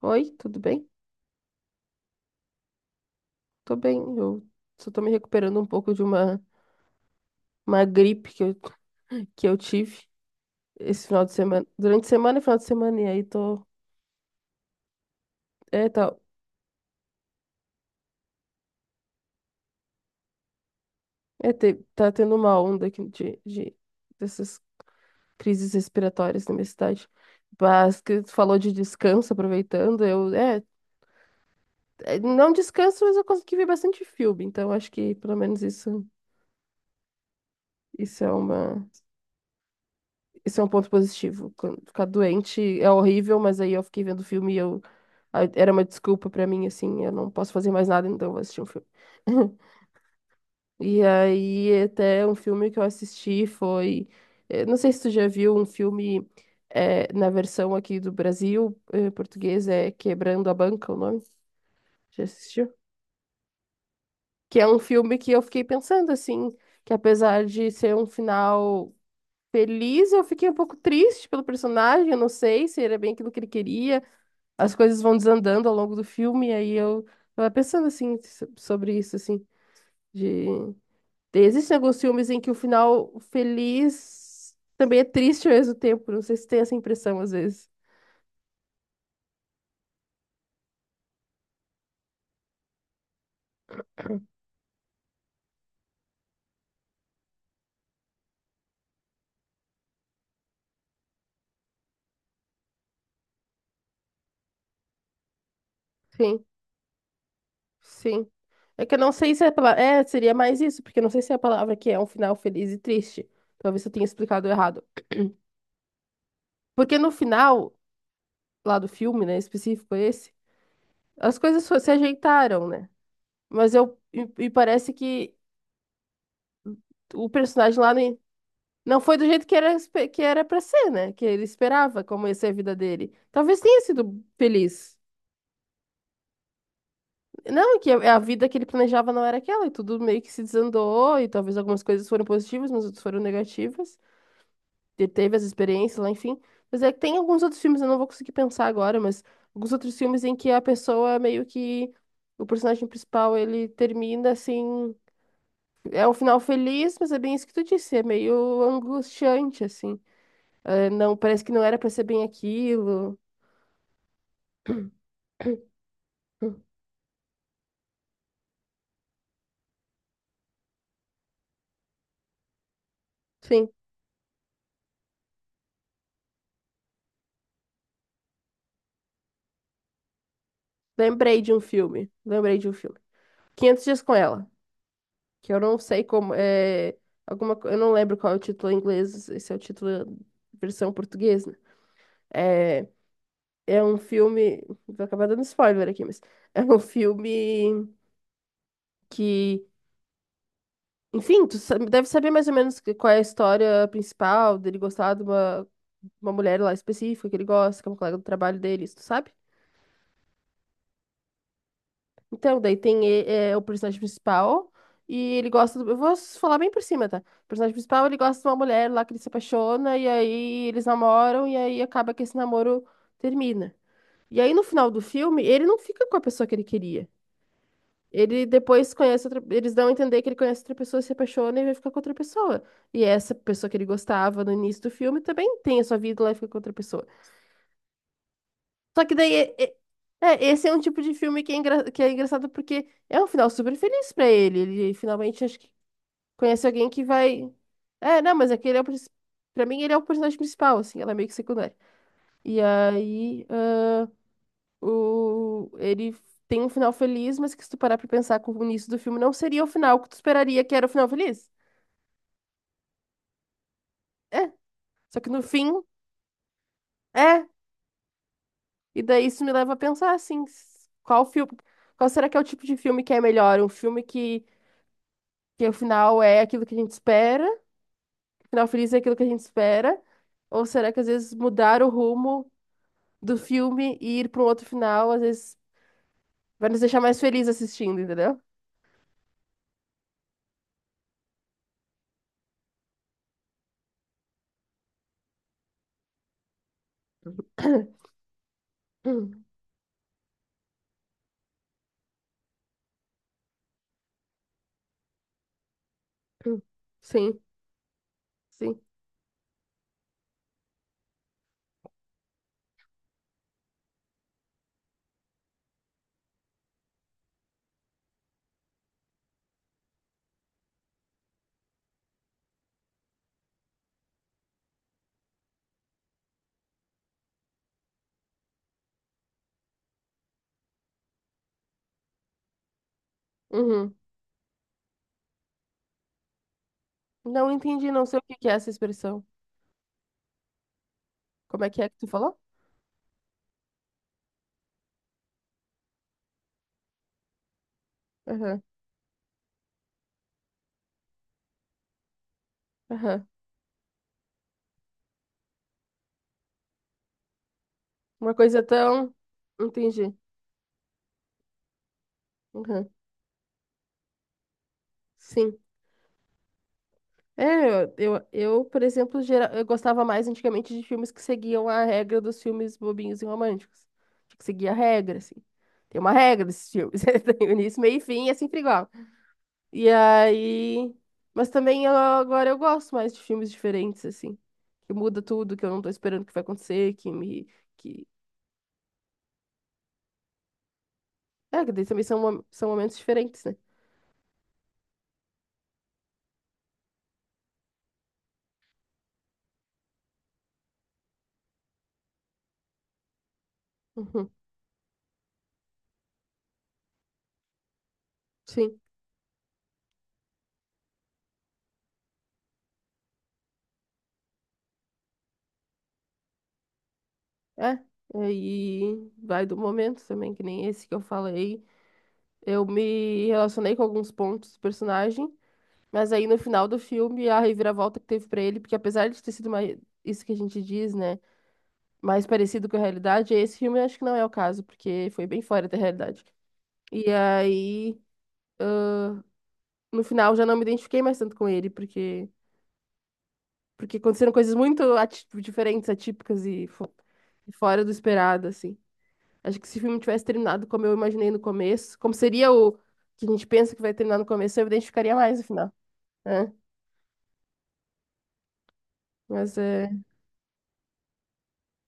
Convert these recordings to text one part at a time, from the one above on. Oi, tudo bem? Tô bem. Eu só tô me recuperando um pouco uma gripe que eu tive esse final de semana. Durante a semana e final de semana, e aí tô. É, tá, tá tendo uma onda aqui dessas crises respiratórias na minha cidade. Mas que tu falou de descanso, aproveitando, não descanso, mas eu consegui ver bastante filme, então acho que pelo menos isso. Isso é uma, isso é um ponto positivo. Quando Ficar doente é horrível, mas aí eu fiquei vendo filme e eu aí era uma desculpa pra mim, assim, eu não posso fazer mais nada, então eu vou assistir um filme. E aí, até um filme que eu assisti não sei se tu já viu um filme na versão aqui do Brasil, português, é Quebrando a Banca, o nome? Já assistiu? Que é um filme que eu fiquei pensando, assim, que apesar de ser um final feliz, eu fiquei um pouco triste pelo personagem, eu não sei se era bem aquilo que ele queria. As coisas vão desandando ao longo do filme, e aí eu tava pensando sobre isso, assim, de existem alguns filmes em que o final feliz também é triste ao mesmo tempo. Não sei se tem essa impressão às vezes. Sim, sim. É que eu não sei se é a palavra. É, seria mais isso, porque eu não sei se é a palavra que é um final feliz e triste. Talvez eu tenha explicado errado. Porque no final, lá do filme, né, específico esse, as coisas se ajeitaram, né? E parece que o personagem lá no, não foi do jeito que que era pra ser, né? Que ele esperava como ia ser a vida dele. Talvez tenha sido feliz. Não, é que a vida que ele planejava não era aquela, e tudo meio que se desandou, e talvez algumas coisas foram positivas, mas outras foram negativas. Ele teve as experiências lá, enfim. Mas é que tem alguns outros filmes, eu não vou conseguir pensar agora, mas alguns outros filmes em que a pessoa meio que. O personagem principal, ele termina assim. É um final feliz, mas é bem isso que tu disse, é meio angustiante, assim. Não, parece que não era pra ser bem aquilo. Enfim, lembrei de um filme. Lembrei de um filme. 500 Dias com Ela. Que eu não sei como. Alguma, eu não lembro qual é o título em inglês. Esse é o título versão portuguesa. Né? É, é um filme. Vou acabar dando spoiler aqui, mas. É um filme que. Enfim, deve saber mais ou menos qual é a história principal dele gostar uma mulher lá específica que ele gosta, que é uma colega do trabalho dele, isso tu sabe? Então, daí tem o personagem principal e ele gosta do... Eu vou falar bem por cima, tá? O personagem principal, ele gosta de uma mulher lá que ele se apaixona e aí eles namoram e aí acaba que esse namoro termina. E aí no final do filme, ele não fica com a pessoa que ele queria. Ele depois conhece outra... Eles dão a entender que ele conhece outra pessoa, se apaixona e vai ficar com outra pessoa. E essa pessoa que ele gostava no início do filme também tem a sua vida lá e fica com outra pessoa. Só que daí, esse é um tipo de filme que que é engraçado porque é um final super feliz pra ele. Ele finalmente acho que conhece alguém que vai. Não, mas é que ele é o. princi- pra mim, ele é o personagem principal, assim, ela é meio que secundária. E aí, ah, ele tem um final feliz, mas que se tu parar pra pensar com o início do filme, não seria o final que tu esperaria que era o final feliz. É, só que no fim, é. E daí isso me leva a pensar, assim, qual filme. Qual será que é o tipo de filme que é melhor? Um filme que o final é aquilo que a gente espera, o final feliz é aquilo que a gente espera. Ou será que às vezes mudar o rumo do filme e ir para um outro final, às vezes vai nos deixar mais felizes assistindo, entendeu? Sim, sim. Uhum. Não entendi, não sei o que que é essa expressão. Como é que tu falou? Aham, aham. Uma coisa tão. Entendi. Aham. Sim. Por exemplo, eu gostava mais antigamente de filmes que seguiam a regra dos filmes bobinhos e românticos. Tinha que seguir a regra, assim. Tem uma regra desses filmes. Tem o início, meio e fim, é sempre igual. E aí. Mas também agora eu gosto mais de filmes diferentes, assim. Que muda tudo, que eu não tô esperando que vai acontecer, que me. Que... É, que daí também são momentos diferentes, né? Uhum, sim. É. Aí vai do momento também, que nem esse que eu falei. Eu me relacionei com alguns pontos do personagem, mas aí no final do filme a reviravolta que teve pra ele, porque apesar de ter sido mais isso que a gente diz, né, mais parecido com a realidade, esse filme eu acho que não é o caso, porque foi bem fora da realidade. E aí no final já não me identifiquei mais tanto com ele, porque aconteceram coisas muito diferentes, atípicas e fora do esperado, assim. Acho que se o filme tivesse terminado como eu imaginei no começo, como seria o que a gente pensa que vai terminar no começo, eu me identificaria mais no final. Né? Mas é.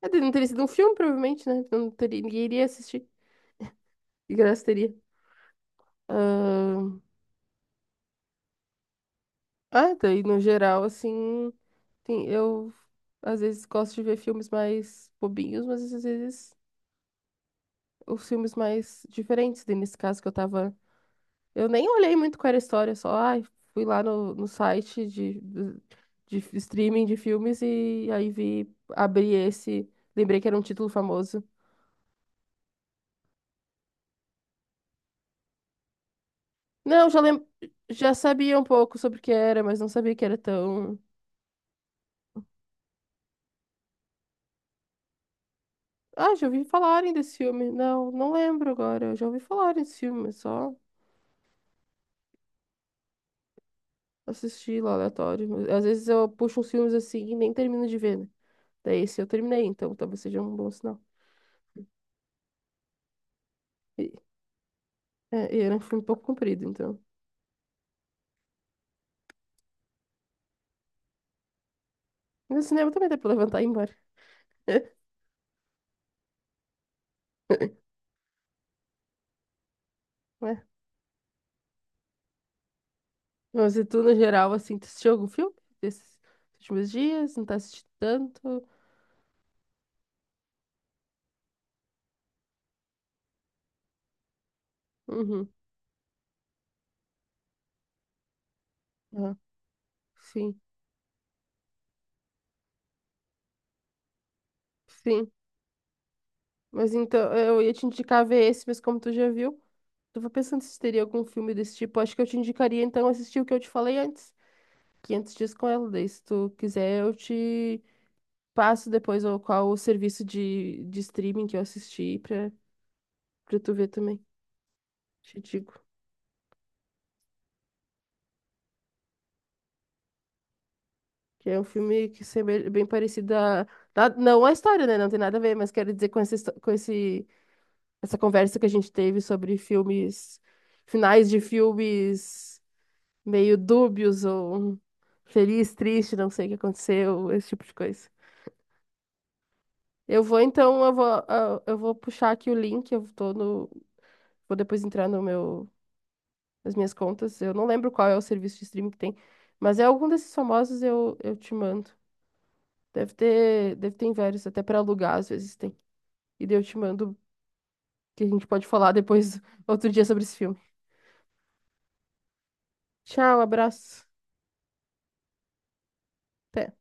Não teria sido um filme, provavelmente, né? Não teria, ninguém iria assistir. Que graça teria. Ahn, daí no geral, assim. Eu às vezes gosto de ver filmes mais bobinhos, mas às vezes os filmes mais diferentes. Daí nesse caso que eu tava. Eu nem olhei muito qual era a história, só ai, fui lá no site de streaming de filmes e aí vi, abri esse. Lembrei que era um título famoso. Não, já lem... já sabia um pouco sobre o que era, mas não sabia que era tão. Ah, já ouvi falarem desse filme. Não, não lembro agora. Eu já ouvi falarem desse filme, mas só assisti lá aleatório. Mas às vezes eu puxo uns filmes assim e nem termino de ver, né? Daí esse eu terminei, então talvez seja um bom sinal. E, e era um filme um pouco comprido, então. No cinema também dá pra levantar e ir embora. né? Mas e tu, no geral, assim, tu assistiu algum filme desses últimos dias? Não tá assistindo tanto? Uhum. Ah, sim. Sim. Mas então, eu ia te indicar ver esse, mas como tu já viu, tava pensando se teria algum filme desse tipo. Acho que eu te indicaria então assistir o que eu te falei antes, 500 dias com ela. Daí, se tu quiser, eu te passo depois qual o serviço de streaming que eu assisti pra tu ver também. Te digo. Que é um filme que é bem, bem parecido a. Não a história, né? Não tem nada a ver, mas quero dizer com com essa conversa que a gente teve sobre filmes, finais de filmes meio dúbios ou. Feliz, triste, não sei o que aconteceu, esse tipo de coisa. Eu vou puxar aqui o link, eu tô no, vou depois entrar no meu, nas minhas contas. Eu não lembro qual é o serviço de streaming que tem, mas é algum desses famosos, eu te mando. Deve ter em vários, até para alugar às vezes tem. E daí eu te mando que a gente pode falar depois outro dia sobre esse filme. Tchau, abraço. Até